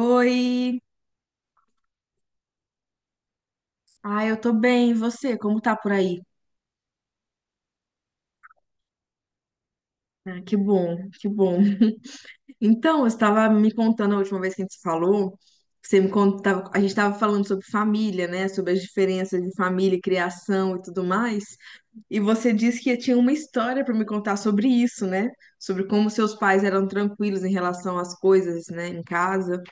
Oi! Ah, eu tô bem, e você? Como tá por aí? Ah, que bom, que bom. Então, eu estava me contando a última vez que a gente se falou, você me contava, a gente estava falando sobre família, né? Sobre as diferenças de família, criação e tudo mais. E você disse que tinha uma história para me contar sobre isso, né? Sobre como seus pais eram tranquilos em relação às coisas, né, em casa.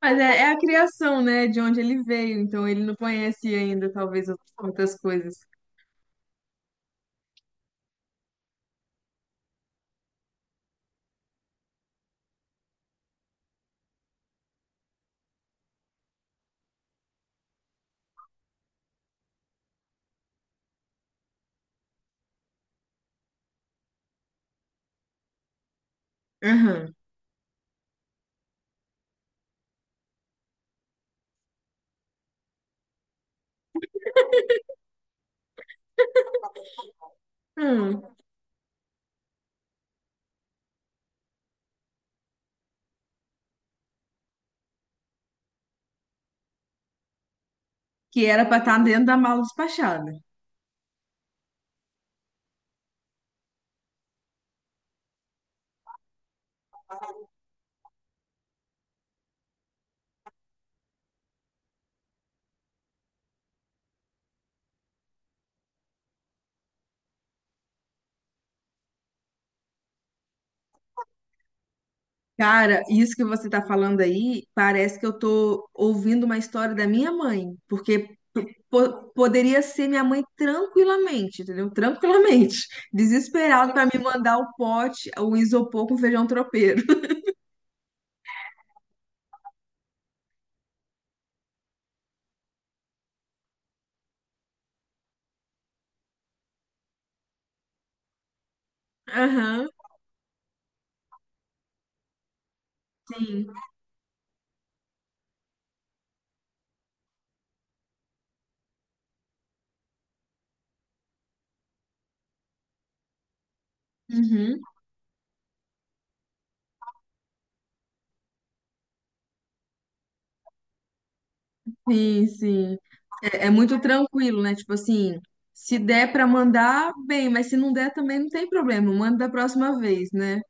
Mas é a criação, né, de onde ele veio, então ele não conhece ainda, talvez, outras coisas. Hum. Que era pra estar dentro da mala despachada. Cara, isso que você tá falando aí, parece que eu tô ouvindo uma história da minha mãe, porque poderia ser minha mãe tranquilamente, entendeu? Tranquilamente, desesperado pra me mandar o pote, o isopor com feijão tropeiro. Aham, sim. Uhum. Sim, sim. É muito tranquilo, né? Tipo assim, se der pra mandar, bem, mas se não der também não tem problema, manda da próxima vez, né?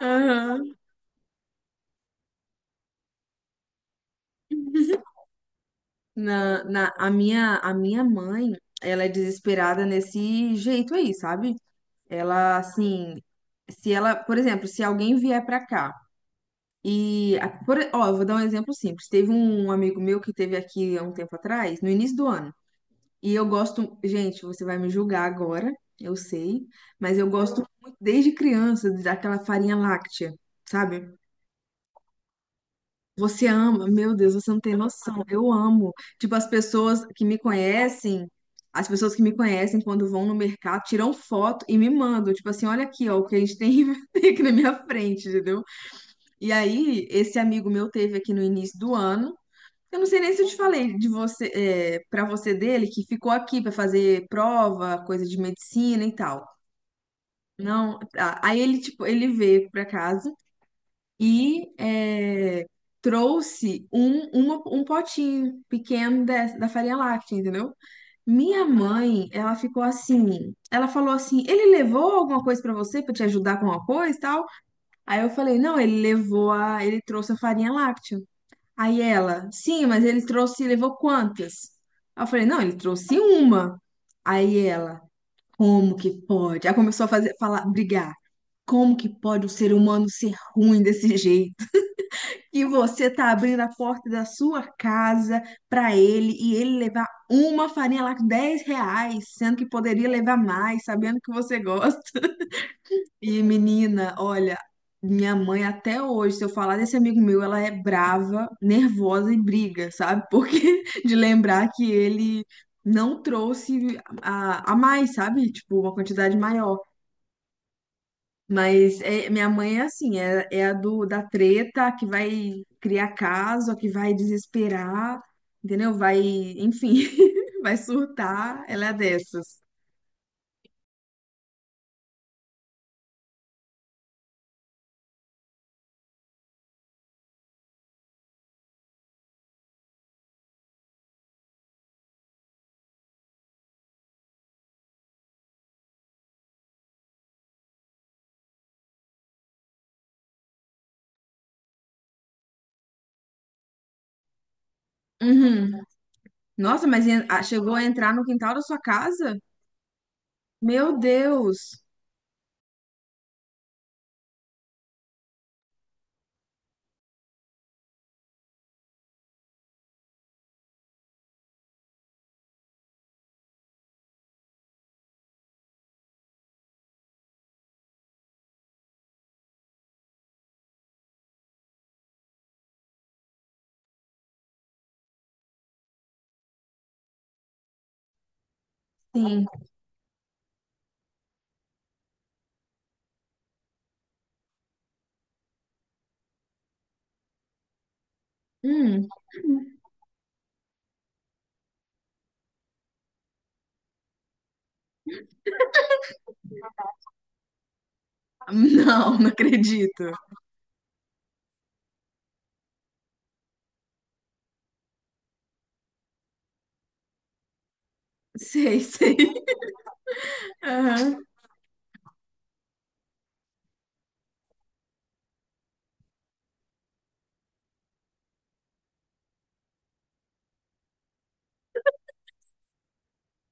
Aham. A minha mãe, ela é desesperada nesse jeito aí, sabe? Ela, assim, se ela, por exemplo, se alguém vier pra cá e, ó, eu vou dar um exemplo simples. Teve um amigo meu que teve aqui há um tempo atrás, no início do ano, e eu gosto, gente, você vai me julgar agora, eu sei, mas eu gosto muito desde criança daquela farinha láctea, sabe? Você ama, meu Deus, você não tem noção. Eu amo. Tipo, as pessoas que me conhecem, as pessoas que me conhecem quando vão no mercado, tiram foto e me mandam. Tipo assim, olha aqui, ó, o que a gente tem tem aqui na minha frente, entendeu? E aí, esse amigo meu teve aqui no início do ano. Eu não sei nem se eu te falei de você, é, para você dele, que ficou aqui para fazer prova, coisa de medicina e tal. Não, tá. Aí ele, tipo, ele veio pra casa e trouxe um potinho pequeno da farinha láctea, entendeu? Minha mãe, ela ficou assim, ela falou assim, ele levou alguma coisa pra você pra te ajudar com alguma coisa e tal? Aí eu falei, não, ele trouxe a farinha láctea. Aí ela, sim, mas ele trouxe, levou quantas? Aí eu falei, não, ele trouxe uma. Aí ela, como que pode? Aí começou a fazer, falar, brigar. Como que pode um ser humano ser ruim desse jeito? E você tá abrindo a porta da sua casa para ele e ele levar uma farinha lá com R$ 10, sendo que poderia levar mais, sabendo que você gosta. E menina, olha, minha mãe até hoje, se eu falar desse amigo meu, ela é brava, nervosa e briga, sabe? Porque de lembrar que ele não trouxe a mais, sabe? Tipo, uma quantidade maior. Mas minha mãe é assim, é da treta, a que vai criar caso, a que vai desesperar, entendeu? Vai, enfim, vai surtar, ela é dessas. Uhum. Nossa, mas ah, chegou a entrar no quintal da sua casa? Meu Deus! Sim. Hum. Não, não acredito. Sei, sei. Aham.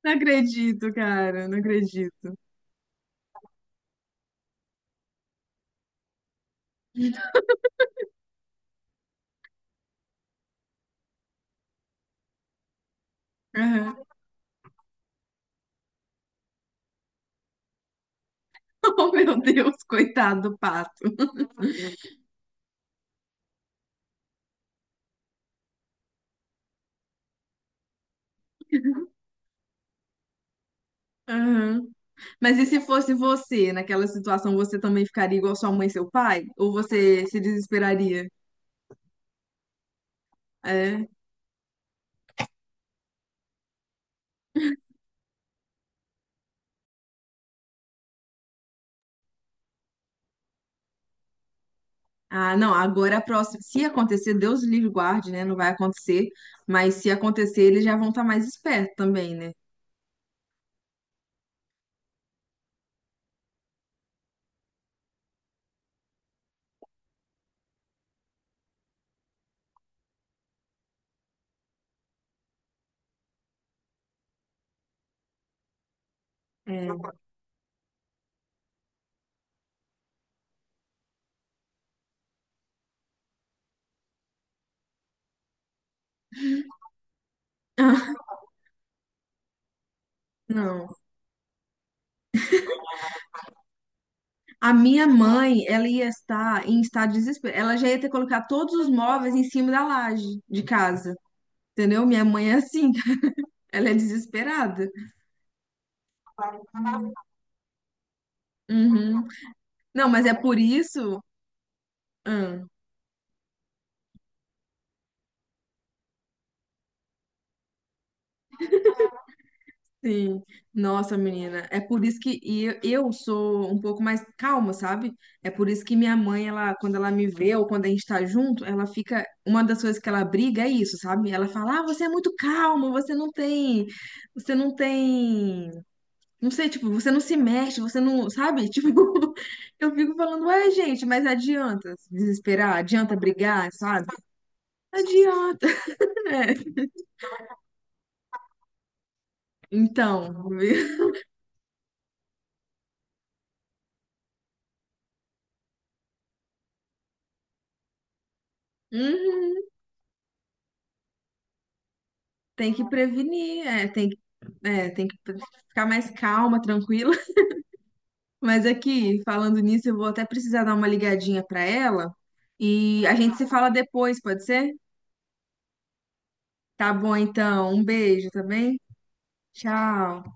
Não acredito, cara, não acredito. Aham. Oh, meu Deus, coitado do pato. Aham. Mas e se fosse você, naquela situação, você também ficaria igual sua mãe e seu pai? Ou você se desesperaria? É. Ah, não, agora é a próxima. Se acontecer, Deus livre e guarde, né? Não vai acontecer. Mas se acontecer, eles já vão estar mais espertos também, né? É. Não. A minha mãe, ela ia estar em estado de desespero. Ela já ia ter colocado todos os móveis em cima da laje de casa. Entendeu? Minha mãe é assim, ela é desesperada. Uhum. Não, mas é por isso. Ah, sim. Nossa, menina. É por isso que eu sou um pouco mais calma, sabe? É por isso que minha mãe, ela, quando ela me vê ou quando a gente tá junto, ela fica. Uma das coisas que ela briga é isso, sabe? Ela fala: Ah, você é muito calma, você não tem. Você não tem. Não sei, tipo, você não se mexe, você não. Sabe? Tipo, eu fico falando: Ué, gente, mas adianta se desesperar? Adianta brigar, sabe? Adianta, né? Então. Uhum, tem que prevenir, é, tem que, é, tem que, ficar mais calma, tranquila. Mas aqui, falando nisso, eu vou até precisar dar uma ligadinha pra ela e a gente se fala depois, pode ser? Tá bom, então. Um beijo, tá bem? Tchau.